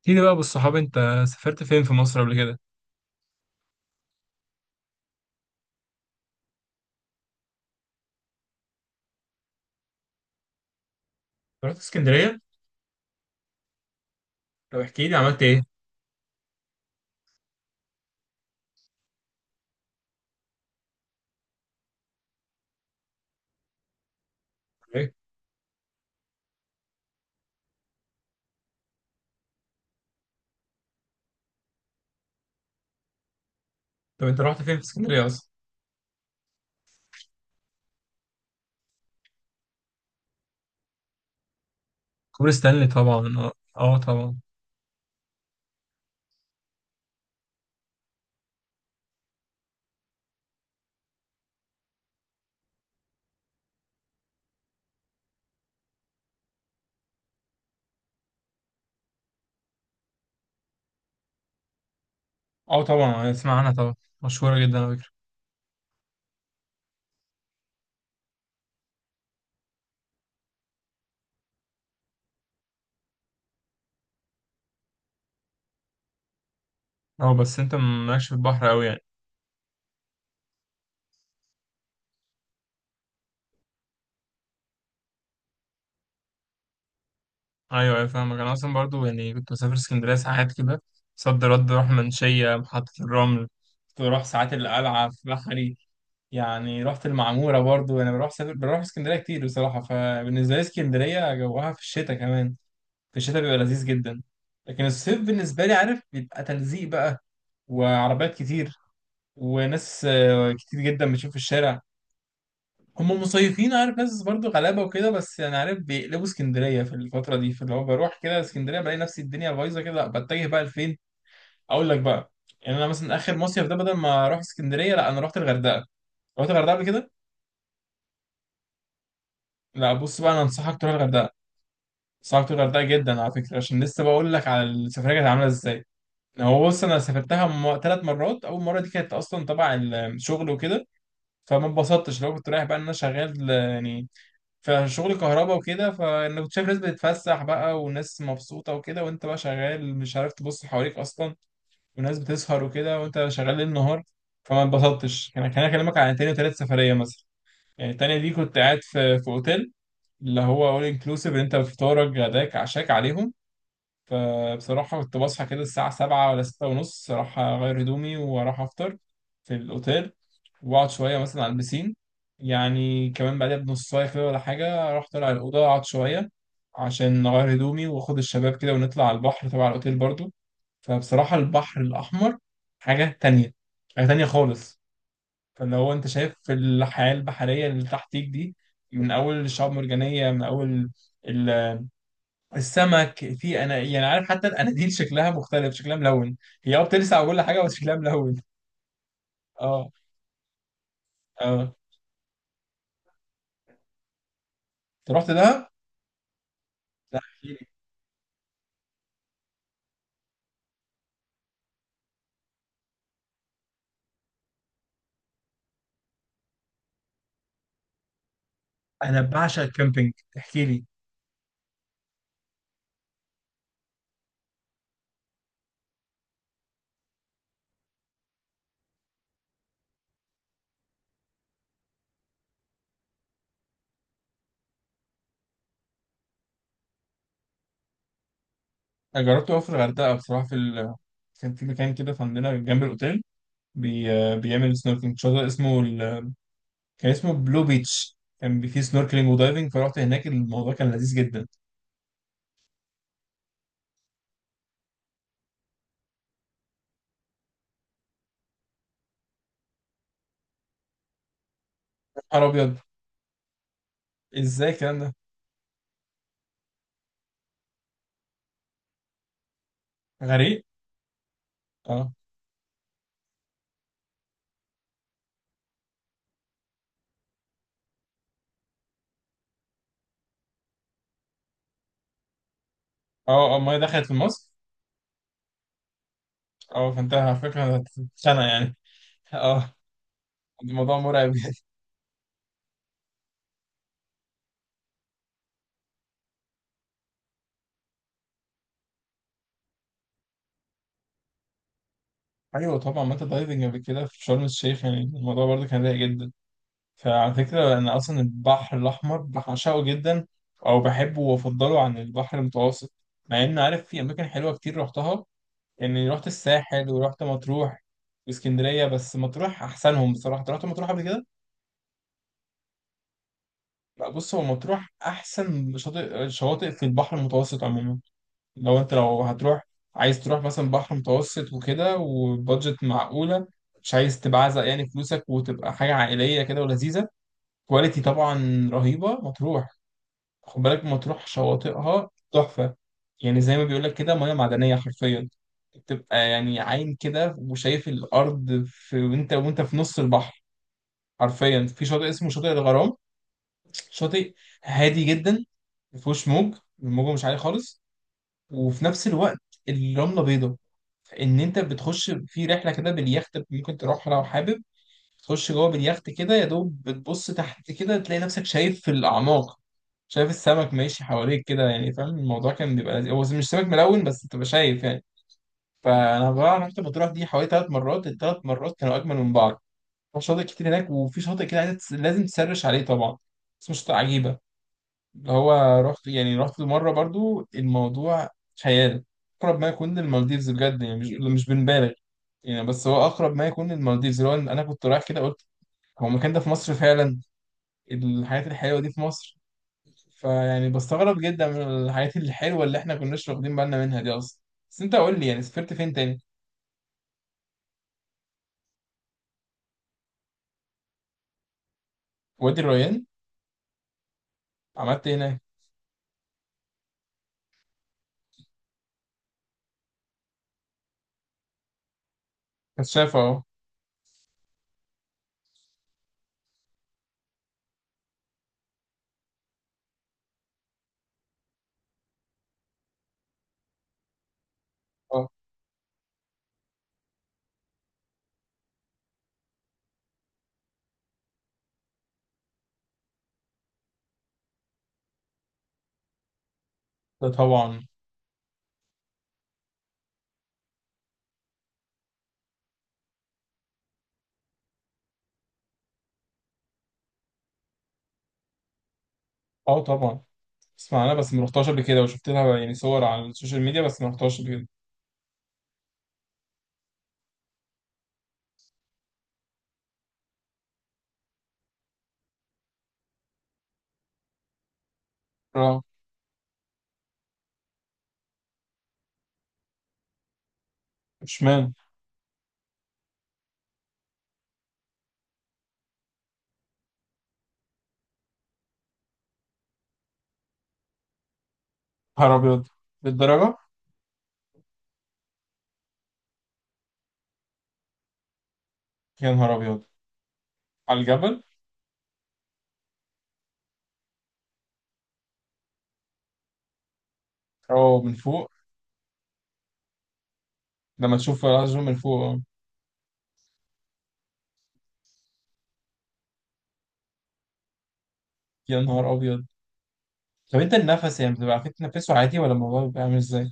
احكي لي بقى بالصحاب انت، سافرت فين في مصر قبل كده؟ رحت اسكندريه. طب احكي لي عملت ايه. إيه؟ طب انت رحت فين في اسكندريه اصلا. كوبري ستانلي طبعا، اه طبعا. اه طبعا اسمع عنها طبعا، مشهورة جدا على فكرة. اه بس انت مالكش في البحر قوي يعني. ايوه ايوه، فاهمك انا اصلا برضو، يعني كنت بسافر اسكندرية ساعات كده. صد رد اروح منشية محطة الرمل، كنت بروح ساعات القلعة في بحري. يعني رحت المعمورة برضو، انا بروح سافر بروح اسكندرية كتير بصراحة. فبالنسبة لي اسكندرية جوها في الشتاء كمان، في الشتاء بيبقى لذيذ جدا. لكن الصيف بالنسبة لي عارف بيبقى تلزيق بقى، وعربيات كتير، وناس كتير جدا بتشوف في الشارع. هم مصيفين عارف، ناس برضو غلابة وكده، بس يعني عارف بيقلبوا اسكندرية في الفترة دي. فاللي هو بروح كده اسكندرية بلاقي نفسي الدنيا بايظة كده، لا بتجه بقى لفين. أقول لك بقى، يعني أنا مثلا آخر مصيف ده بدل ما أروح اسكندرية لا أنا رحت الغردقة. رحت الغردقة قبل كده؟ لا بص بقى أنا أنصحك تروح الغردقة، أنصحك تروح الغردقة جدا على فكرة، عشان لسه بقول لك على السفرية كانت عاملة إزاي. هو بص انا سافرتها 3 مرات. اول مره دي كانت اصلا تبع الشغل وكده، فما اتبسطتش. لو كنت رايح بقى ان انا شغال يعني في شغل كهرباء وكده، فانا كنت شايف ناس بتتفسح بقى وناس مبسوطه وكده، وانت بقى شغال مش عارف تبص حواليك اصلا، وناس بتسهر وكده وانت شغال ليل نهار. فما اتبسطتش. انا كان اكلمك عن تاني وتالت سفريه مثلا. يعني التانيه دي كنت قاعد في اوتيل، اللي هو اول انكلوسيف، انت فطارك غداك عشاك عليهم. فبصراحة كنت بصحى كده الساعة 7 ولا 6:30، أروح أغير هدومي وأروح أفطر في الأوتيل، وأقعد شوية مثلا على البسين. يعني كمان بعدها بنص ساعة كده ولا حاجة أروح طالع الأوضة، أقعد شوية عشان أغير هدومي وآخد الشباب كده، ونطلع على البحر تبع الأوتيل برضو. فبصراحة البحر الأحمر حاجة تانية، حاجة تانية خالص. فاللي هو أنت شايف الحياة البحرية اللي تحتيك دي، من أول الشعاب المرجانية، من أول السمك. في انا يعني عارف حتى الاناديل شكلها مختلف، شكلها ملون. هي اه بتلسع وكل حاجه، بس شكلها ملون. اه اه. انت رحت دهب؟ لا احكي لي. انا بعشق الكامبينج. احكي لي. انا جربته أوي في الغردقه بصراحه، في ال... كان في مكان كده في عندنا جنب الاوتيل بي... آه، بيعمل سنوركلينج. شاطئ اسمه ال... كان اسمه بلو بيتش. كان فيه سنوركلينج ودايفنج، فرحت هناك الموضوع كان لذيذ جدا. يا نهار ابيض، ازاي الكلام ده! غريق. اه اه، الميه دخلت في مصر. اه، فانت على فكره هتتخانق يعني. اه، الموضوع مرعب. ايوه طبعا، ما انت دايفنج قبل كده في شرم الشيخ يعني الموضوع برضه كان رايق جدا. فعلى فكره انا اصلا البحر الاحمر بعشقه جدا، او بحبه وافضله عن البحر المتوسط. مع ان عارف في اماكن حلوه كتير رحتها، يعني رحت الساحل ورحت مطروح واسكندريه، بس مطروح احسنهم بصراحه. أنت رحت مطروح قبل كده؟ لا بص، هو مطروح احسن شاطئ شواطئ في البحر المتوسط عموما. لو انت هتروح، عايز تروح مثلا بحر متوسط وكده وبادجت معقولة، مش عايز تبعزق يعني فلوسك، وتبقى حاجة عائلية كده ولذيذة، كواليتي طبعا رهيبة مطروح. خد بالك مطروح شواطئها تحفة، يعني زي ما بيقولك كده مياه معدنية حرفيا. بتبقى يعني عاين كده وشايف الأرض في، وانت في نص البحر حرفيا. في شاطئ اسمه شاطئ الغرام، شاطئ هادي جدا مفيهوش موج، الموجة مش عالية خالص، وفي نفس الوقت الرملة بيضة. ان انت بتخش في رحله كده باليخت، ممكن تروحها لو حابب تخش جوه باليخت كده. يا دوب بتبص تحت كده تلاقي نفسك شايف في الاعماق، شايف السمك ماشي حواليك كده، يعني فاهم الموضوع كان بيبقى لذيذ. هو مش سمك ملون بس تبقى شايف يعني. فانا بقى رحت مطروح دي حوالي 3 مرات، ال 3 مرات كانوا اجمل من بعض. شاطئ كتير هناك، وفي شاطئ كده لازم تسرش عليه طبعا، اسمه شاطئ عجيبه. اللي هو رحت يعني رحت مرة برضو الموضوع خيال، أقرب ما يكون للمالديفز بجد يعني، مش بنبالغ يعني، بس هو أقرب ما يكون للمالديفز. اللي هو أنا كنت رايح كده قلت هو المكان ده في مصر فعلا؟ الحاجات الحلوة دي في مصر! فيعني بستغرب جدا من الحاجات الحلوة اللي إحنا كناش واخدين بالنا منها دي أصلا. بس أنت قول لي يعني سافرت فين تاني؟ وادي الريان. عملت إيه هناك؟ كشافة أهو. أه. ده طبعا. أه طبعا اسمع، أنا بس ما رحتهاش قبل كده، وشفت لها يعني صور على السوشيال ميديا، بس ما رحتهاش قبل كده. آه. اشمعنى؟ نهار ابيض! بالدرجه. يا نهار ابيض على الجبل! اه من فوق. لما تشوف العزو من فوق اه. يا نهار ابيض. طب انت النفس يعني بتبقى عارفين تنفسه عادي، ولا الموضوع بيبقى عامل ازاي؟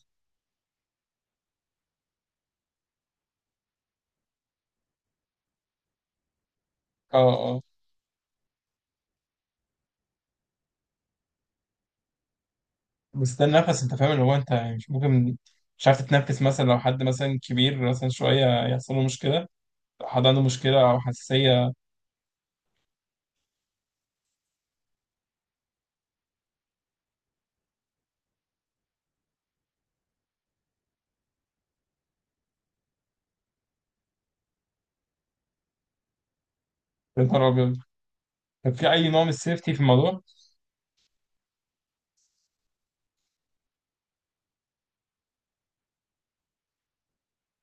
اه اه. بس ده النفس انت فاهم، اللي هو انت يعني مش ممكن مش عارف تتنفس مثلا، لو حد مثلا كبير مثلا شويه يحصل له مشكله، لو حد عنده مشكله او حساسيه. يا نهار ابيض. طب في اي نوع من السيفتي في الموضوع؟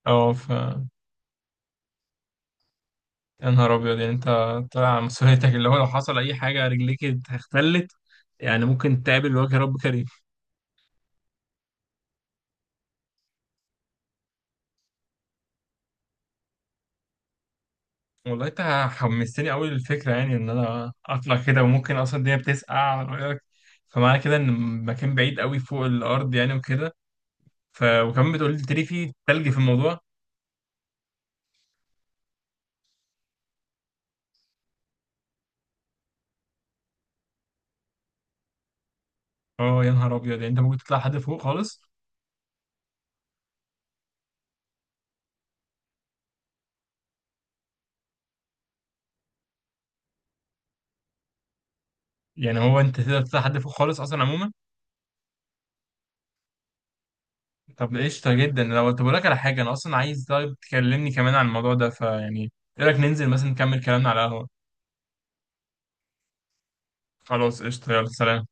اه ف، يا نهار ابيض يعني انت طالع على مسؤوليتك، اللي هو لو حصل اي حاجه رجليك اختلت، يعني ممكن تقابل وجه رب كريم. والله انت حمستني قوي للفكره، يعني ان انا اطلع كده. وممكن اصلا الدنيا بتسقع على رايك، فمعنى كده ان المكان بعيد قوي فوق الارض يعني وكده. ف وكمان بتقول لي تري، في تلج في الموضوع؟ اه، يا نهار ابيض، يعني انت ممكن تطلع حد فوق خالص؟ يعني هو انت تقدر تطلع حد فوق خالص اصلا عموما؟ طب قشطة جدا. لو طب أقول لك على حاجة، أنا أصلا عايز طيب تكلمني كمان عن الموضوع ده. فيعني إيه رأيك ننزل مثلا نكمل كلامنا على القهوة؟ خلاص قشطة، يلا سلام.